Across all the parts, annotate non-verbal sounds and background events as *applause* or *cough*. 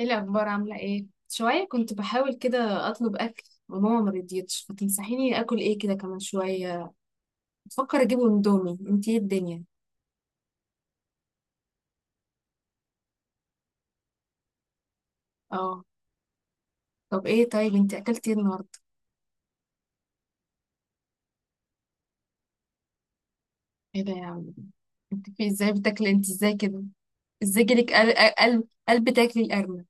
ايه الاخبار؟ عامله ايه؟ شويه كنت بحاول كده اطلب اكل وماما ما رضيتش، فتنصحيني اكل ايه كده كمان؟ شويه بفكر اجيب اندومي، انت ايه الدنيا؟ اه. طب ايه، طيب انت اكلتي ايه النهارده؟ ايه ده يا عم؟ انت في ازاي بتاكلي انت ازاي كده؟ ازاي جالك قلب قلب تاكلي القرمه؟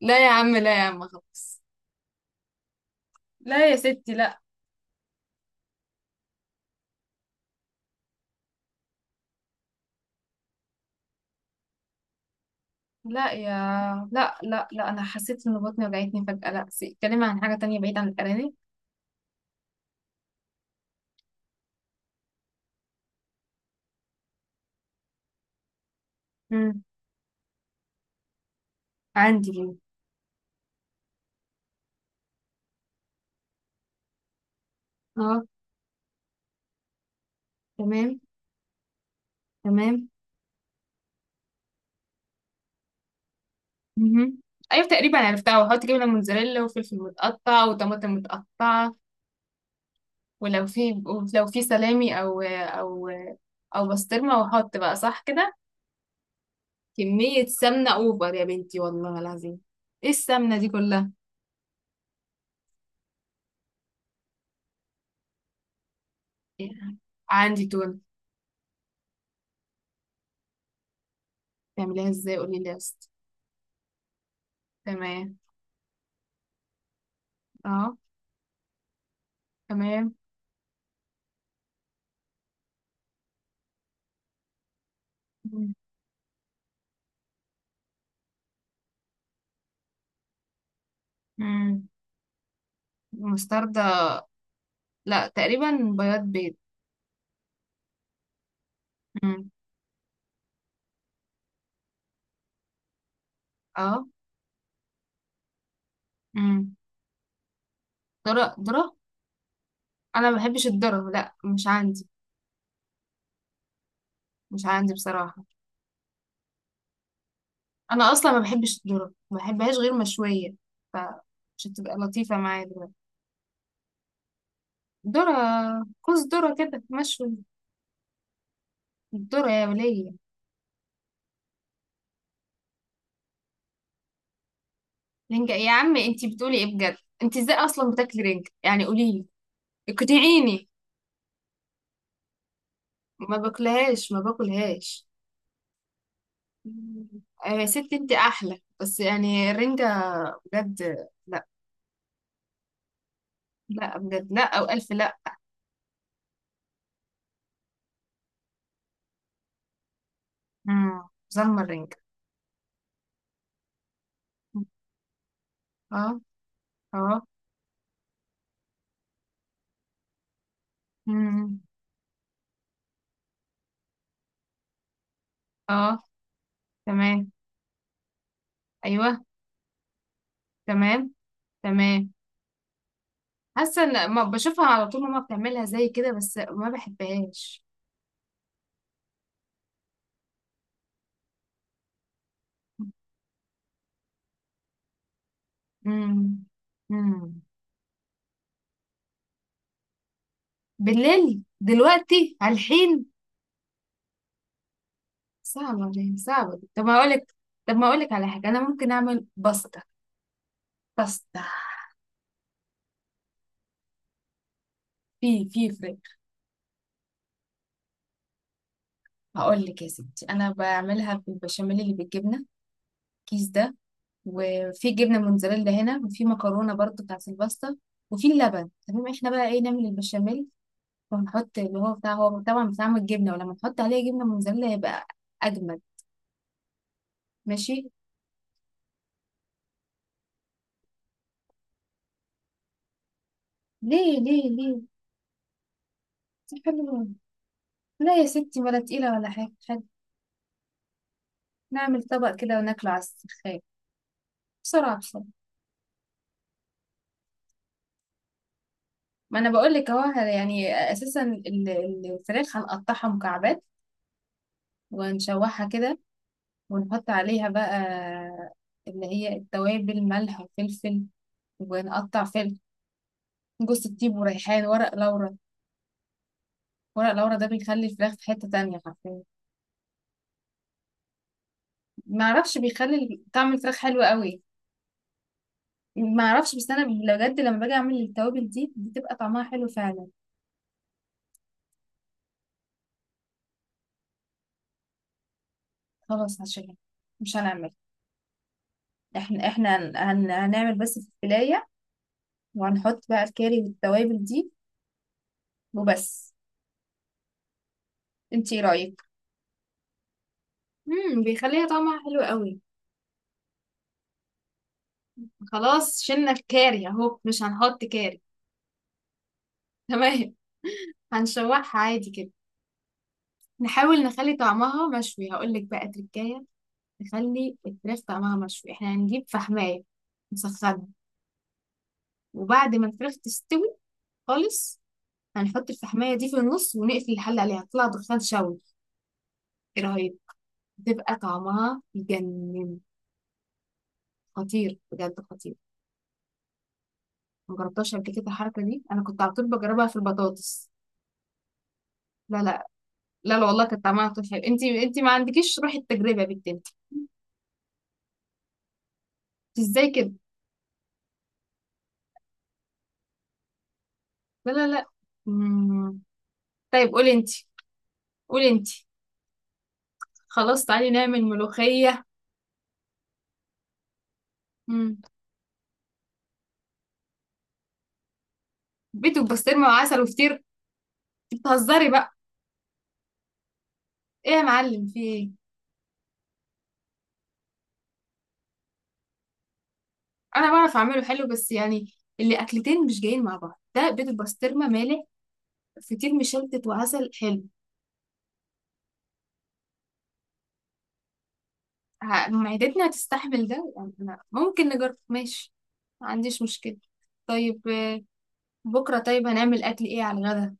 لا يا عم، لا يا عم، خلاص. لا يا ستي لا. لا يا. لا لا لا، انا حسيت ان بطني وجعتني فجاه، لا اتكلمي عن حاجه تانية بعيد عن الارانب. امم. عندي هنا. اه. تمام. تمام. مهم. ايوه تقريبا عرفتها، وحط جبنه موتزاريلا وفلفل متقطع وطماطم متقطعه. ولو في، لو في سلامي او، او او بسطرمه، وحط بقى صح كده. كميه سمنه اوفر يا بنتي والله العظيم. ايه السمنه دي كلها؟ يعني عندي تونه. تعمليها ازاي؟ قولي لي يا اسطى. تمام. اه. تمام. مم. مم. مستردة؟ لا تقريبا بياض بيض. مم. اه. مم. ذرة ذرة. انا ما بحبش الذرة، لا مش عندي. مش عندي بصراحة. انا اصلا ما بحبش الذره، ما بحبهاش غير مشويه، فمش هتبقى لطيفه معايا دلوقتي. ذره؟ كوز ذره كده مشوي. الذره يا وليه. رنجة يا عم؟ انتي بتقولي ايه بجد؟ انتي ازاي اصلا بتاكلي رنجة؟ يعني قوليلي، اقنعيني. ما باكلهاش ما باكلهاش. آه يا ستي انتي احلى، بس يعني الرنجة، بجد لا. لا بجد، لا او الف لا. امم. ظلمه الرنجة؟ اه. اه. امم. اه. تمام. ايوه. تمام. تمام. حاسه ان ما بشوفها على طول، ماما بتعملها زي كده بس ما بحبهاش. امم. امم. بالليل دلوقتي على الحين؟ صعبه دي، صعبه دي. طب هقول لك، طب ما اقول لك على حاجه، انا ممكن اعمل باستا. باستا. في فرق. هقول لك يا ستي، انا بعملها بالبشاميل اللي بالجبنه، كيس ده. وفي جبنه موتزاريلا هنا، وفي مكرونه برضو بتاعت الباستا، وفي اللبن. تمام احنا بقى ايه، نعمل البشاميل وهنحط اللي هو بتاع، هو طبعا بتعمل جبنة، ولما نحط عليه جبنة موزاريلا هيبقى أجمد. ماشي. ليه ليه ليه؟ دي حلوة. لا يا ستي، ولا تقيلة ولا حاجة حاجة. نعمل طبق كده وناكله على السخان، بسرعة بسرعة. ما أنا بقول لك أهو، يعني أساسا الفراخ هنقطعها مكعبات، ونشوحها كده، ونحط عليها بقى اللي هي التوابل، ملح وفلفل، ونقطع فلفل. جوز الطيب وريحان، ورق لورا. ورق لورا ده بيخلي الفراخ في حتة تانية حرفيا. ما اعرفش، بيخلي طعم الفراخ حلو قوي. ما اعرفش بس انا بجد، لما باجي اعمل التوابل دي بتبقى طعمها حلو فعلا. خلاص هشيلها، مش هنعمل. احنا هنعمل بس الفلايه، وهنحط بقى الكاري والتوابل دي وبس. انتي ايه رايك؟ امم. بيخليها طعمها حلو قوي. خلاص شلنا الكاري اهو، مش هنحط كاري. *laughs* تمام. هنشوحها عادي كده، نحاول نخلي طعمها مشوي. هقول لك بقى تركايه، نخلي الفراخ طعمها مشوي. احنا هنجيب فحماية، نسخنها، وبعد ما الفراخ تستوي خالص هنحط الفحماية دي في النص، ونقفل الحل عليها، تطلع دخان شوي. ايه رهيب، بتبقى طعمها يجنن، خطير بجد خطير. مجربتهاش قبل كده الحركة دي، انا كنت على طول بجربها في البطاطس. لا لا. لا لا والله، كانت طعمها على طول حلو. انت ما عندكيش روح التجربة يا بنت انت، ازاي كده؟ لا لا لا. مم. طيب قولي انت، قولي انت. خلاص تعالي نعمل ملوخية. مم. بيت وبسطرمه وعسل وفطير؟ انت بتهزري بقى؟ ايه يا معلم، في ايه؟ انا بعرف اعمله حلو بس يعني، اللي اكلتين مش جايين مع بعض، ده بيت البسطرمه مالح، فطير مشلتت وعسل حلو. معدتنا هتستحمل ده يعني؟ أنا ممكن نجرب، ماشي، ما عنديش مشكله. طيب بكره طيب هنعمل اكل ايه على الغدا؟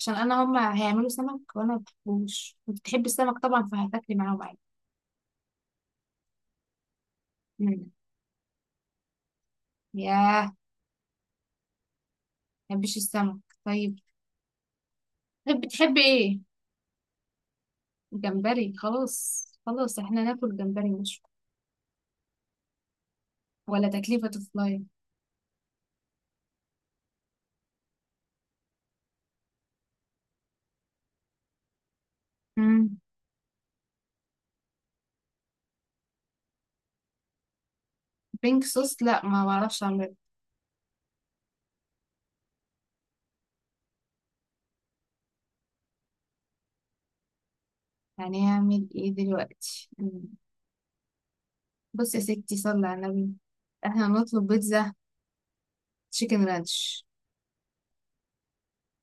عشان انا هما هيعملوا سمك، وانا ما بحبوش. بتحب السمك طبعا، فهتاكلي معاهم عادي. مم. ياه، ما بحبش السمك. طيب بتحب ايه؟ جمبري، خلاص خلاص احنا ناكل جمبري، مش ولا تكلفة فلاي. مم. بينك صوص؟ لا ما بعرفش اعمل. يعني هعمل ايه دلوقتي؟ مم. بص يا ستي، صلي على النبي، احنا نطلب بيتزا تشيكن رانش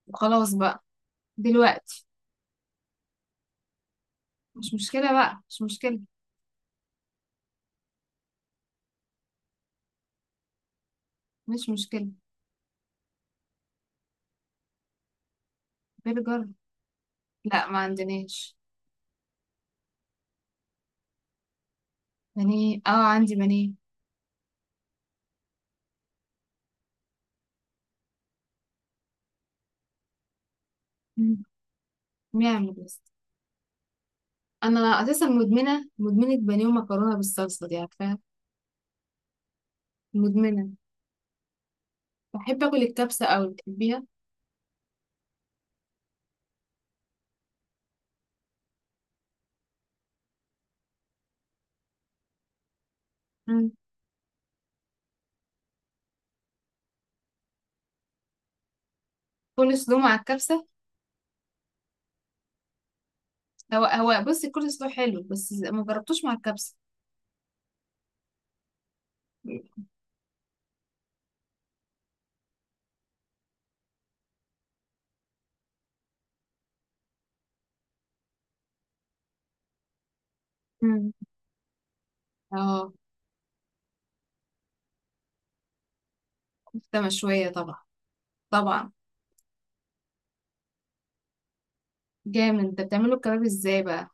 وخلاص بقى. دلوقتي. مش مشكلة بقى، مش مشكلة. مش مشكلة. برجر؟ لا ما عندناش. بانيه؟ اه عندي بانيه. مم. نعمل بس، انا اساسا مدمنة مدمنة بانيه ومكرونة بالصلصة، دي عارفاها. مدمنة. بحب اكل الكبسه قوي، بتحبيها. مم. كل سلو مع الكبسه؟ هو هو، بصي كل سلو حلو، بس ما جربتوش مع الكبسه. مم. اه. كفته مشويه طبعا. طبعا. جامد، انت بتعمله الكباب ازاي بقى؟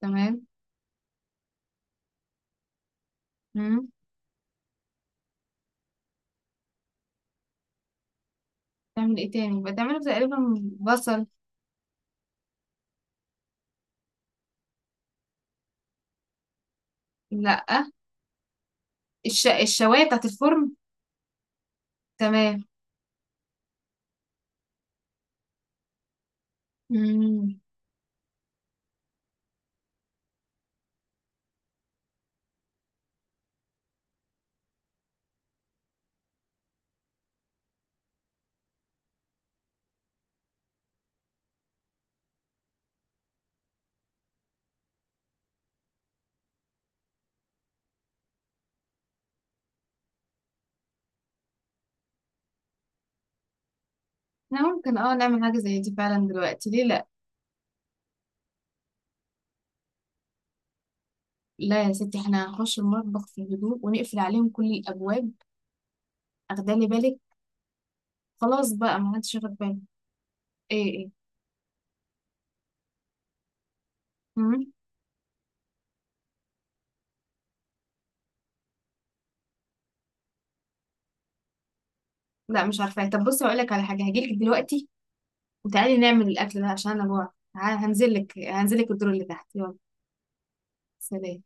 تمام. مم. بتعمل ايه تاني، بتعمله تقريبا. بصل. لا. الشوايه بتاعت الفرن. تمام. مم. احنا ممكن، نعمل حاجه زي دي فعلا دلوقتي، ليه لا. لا يا ستي، احنا هنخش المطبخ في هدوء، ونقفل عليهم كل الابواب. اخدالي بالك. خلاص بقى، ما حدش ياخد باله. ايه ايه؟ مم. لا مش عارفة. طب بصي هقول لك على حاجة، هجيلك دلوقتي وتعالي نعمل الأكل ده، عشان أنا جوعت. هنزلك هنزلك الدور اللي تحت، يلا. سلام.